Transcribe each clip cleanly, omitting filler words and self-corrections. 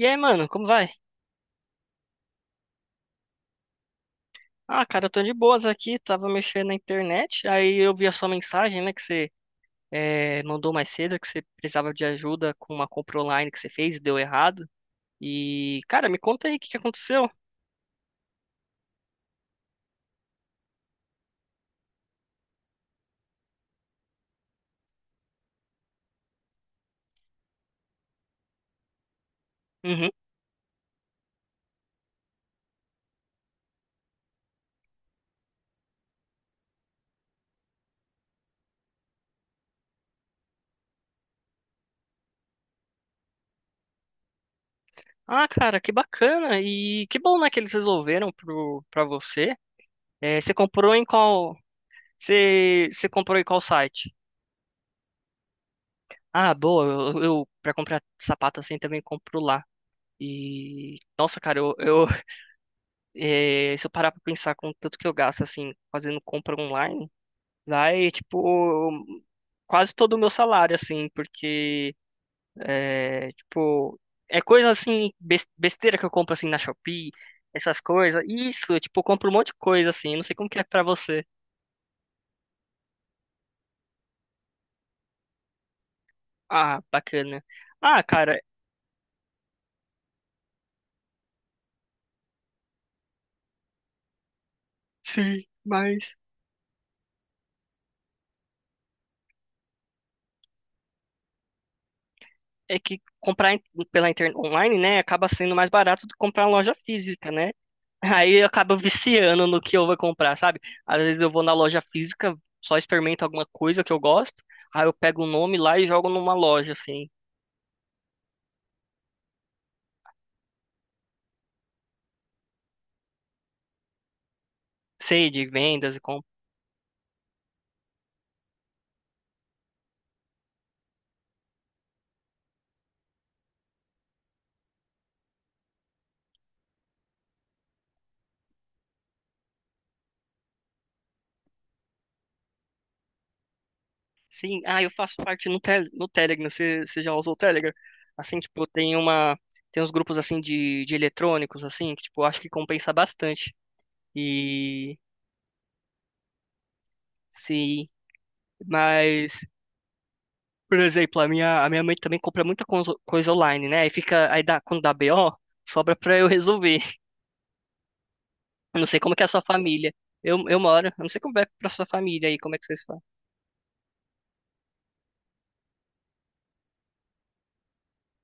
E aí, mano, como vai? Ah, cara, eu tô de boas aqui, tava mexendo na internet, aí eu vi a sua mensagem, né, que você mandou mais cedo, que você precisava de ajuda com uma compra online que você fez, deu errado. E, cara, me conta aí o que que aconteceu. Uhum. Ah, cara, que bacana, e que bom, né, que eles resolveram pra você. Você comprou em qual... Você comprou em qual site? Ah, boa, eu pra comprar sapato assim também compro lá. E, nossa, cara, eu É, se eu parar pra pensar com o tanto que eu gasto, assim, fazendo compra online, vai, tipo, quase todo o meu salário, assim, porque, é, tipo, é coisa, assim, besteira que eu compro, assim, na Shopee, essas coisas. Isso, eu, tipo, eu compro um monte de coisa, assim, não sei como que é pra você. Ah, bacana. Ah, cara, sim, mas... É que pela internet online, né, acaba sendo mais barato do que comprar em loja física, né? Aí eu acabo viciando no que eu vou comprar, sabe? Às vezes eu vou na loja física, só experimento alguma coisa que eu gosto, aí eu pego o nome lá e jogo numa loja, assim. Sei de vendas e compro. Sim, ah, eu faço parte no Telegram, você já usou o Telegram? Assim, tipo, tem uma... Tem uns grupos, assim, de eletrônicos, assim, que, tipo, eu acho que compensa bastante. E... Sim, mas... Por exemplo, a minha mãe também compra muita coisa online, né? Aí fica... Aí dá, quando dá BO, sobra pra eu resolver. Eu não sei como que é a sua família. Eu moro. Eu não sei como é pra sua família aí, como é que vocês fazem.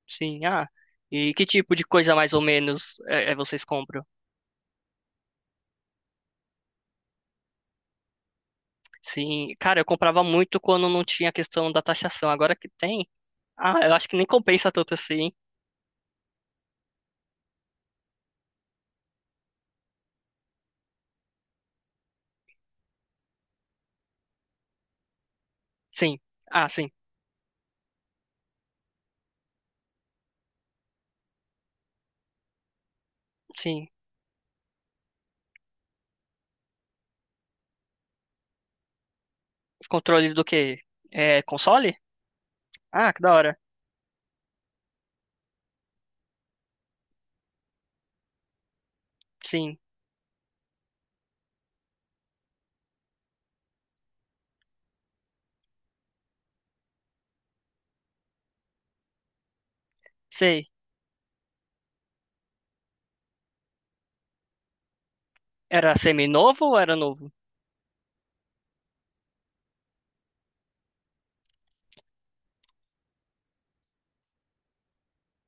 Sim, ah. E que tipo de coisa mais ou menos é vocês compram? Sim, cara, eu comprava muito quando não tinha a questão da taxação. Agora que tem, ah, eu acho que nem compensa tanto assim. Sim. Ah, sim. Sim. Controle do quê? É console? Ah, que da hora. Sim. Sei. Era semi-novo ou era novo?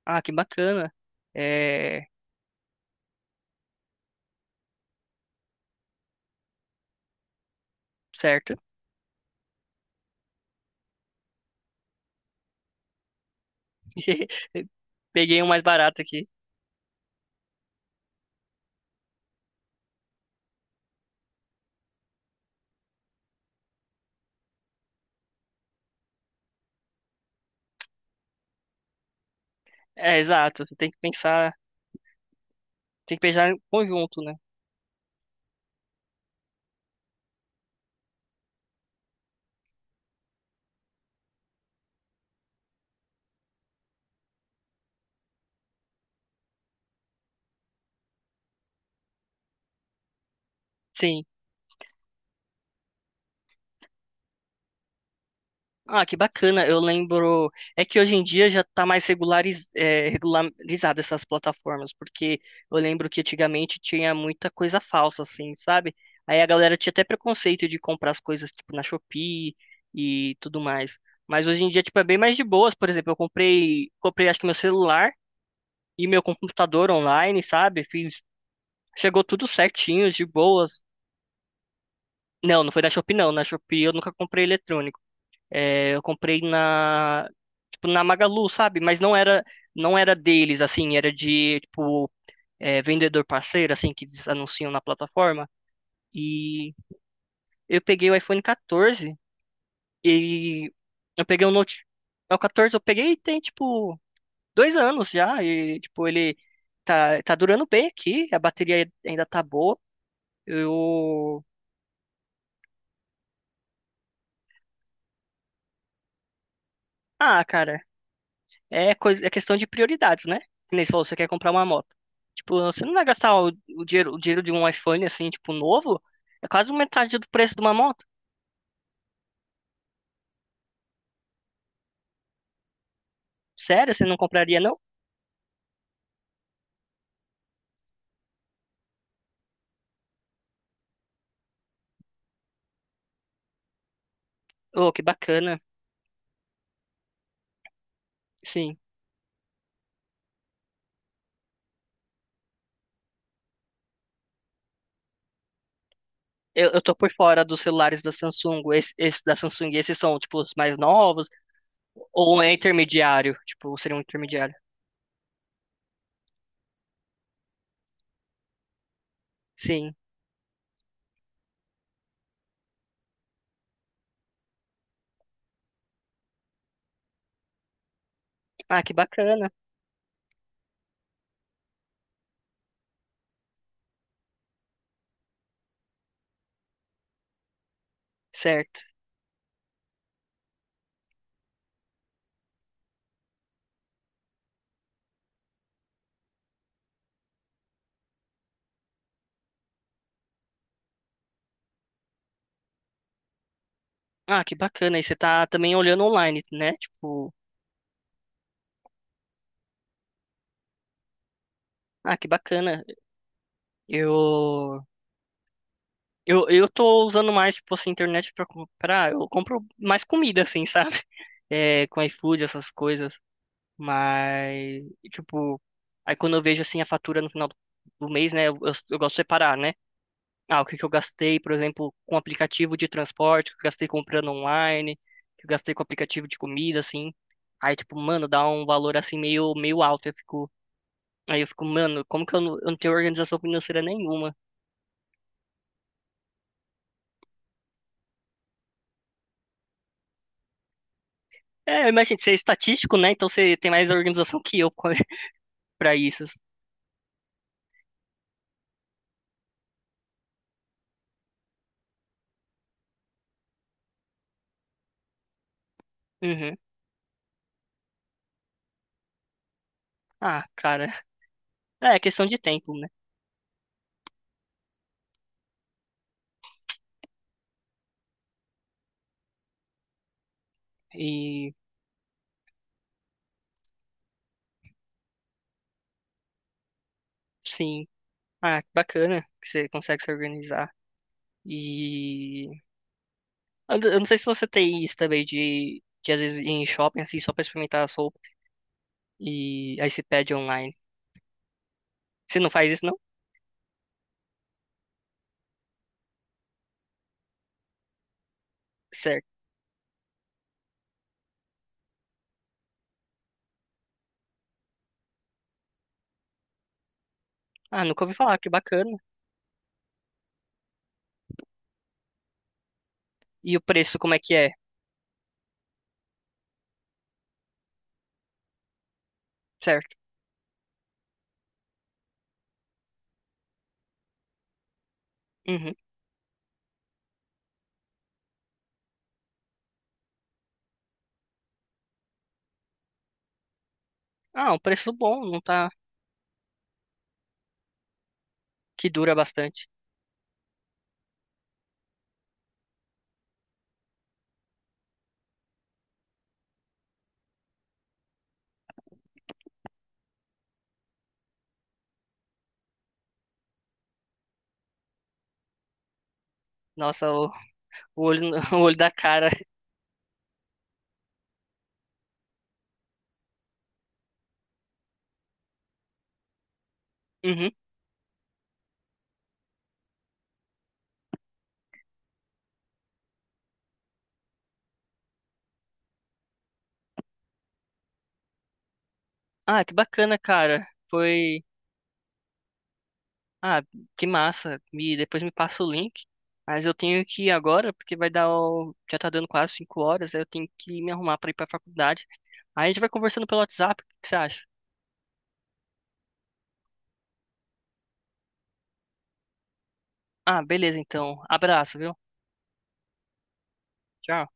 Ah, que bacana. É, certo. Peguei um mais barato aqui. É, exato. Você tem que pensar em conjunto, né? Sim. Ah, que bacana. Eu lembro. É que hoje em dia já tá mais regularizado essas plataformas, porque eu lembro que antigamente tinha muita coisa falsa, assim, sabe? Aí a galera tinha até preconceito de comprar as coisas, tipo, na Shopee e tudo mais. Mas hoje em dia, tipo, é bem mais de boas. Por exemplo, comprei acho que meu celular e meu computador online, sabe? Fiz... Chegou tudo certinho, de boas. Não, não foi da Shopee, não. Na Shopee eu nunca comprei eletrônico. Eu comprei tipo, na Magalu, sabe? Mas não era deles, assim, era de, tipo, vendedor parceiro, assim, que eles anunciam na plataforma. E eu peguei o iPhone 14 e eu peguei o Note. O 14 eu peguei e tem, tipo, dois anos já. E, tipo, ele tá durando bem aqui, a bateria ainda tá boa. Eu. Ah, cara. É, coisa, é questão de prioridades, né? Que nem você falou, você quer comprar uma moto. Tipo, você não vai gastar o dinheiro de um iPhone, assim, tipo, novo. É quase metade do preço de uma moto. Sério, você não compraria, não? Oh, que bacana. Sim. Eu tô por fora dos celulares da Samsung. Esse da Samsung, esses são, tipo, os mais novos. Ou é intermediário. Tipo, seria um intermediário. Sim. Ah, que bacana. Certo. Ah, que bacana. E você tá também olhando online, né? Tipo, ah, que bacana. Eu eu tô usando mais, tipo assim, internet pra comprar. Eu compro mais comida, assim, sabe? É, com iFood, essas coisas. Mas, tipo, aí quando eu vejo, assim, a fatura no final do mês, né? Eu gosto de separar, né? Ah, o que que eu gastei, por exemplo, com aplicativo de transporte, o que eu gastei comprando online, o que eu gastei com aplicativo de comida, assim. Aí, tipo, mano, dá um valor, assim, meio alto. Eu fico, aí eu fico, mano, como que eu não tenho organização financeira nenhuma? É, eu imagino, você é estatístico, né? Então você tem mais organização que eu pra isso. Uhum. Ah, cara. É, é questão de tempo, né? E sim. Ah, que bacana que você consegue se organizar. E eu não sei se você tem isso também de às vezes ir em shopping assim só pra experimentar a sopa e aí você pede online. Você não faz isso não? Certo. Ah, nunca ouvi falar, que bacana. E o preço como é que é? Certo. Uhum. Ah, um preço bom, não tá que dura bastante. Nossa, o olho o olho da cara. Uhum. Ah, que bacana, cara. Foi. Ah, que massa. Me... Depois me passa o link. Mas eu tenho que ir agora, porque vai dar o... Já tá dando quase 5 horas, aí eu tenho que me arrumar pra ir pra faculdade. Aí a gente vai conversando pelo WhatsApp, o que que você acha? Ah, beleza, então. Abraço, viu? Tchau.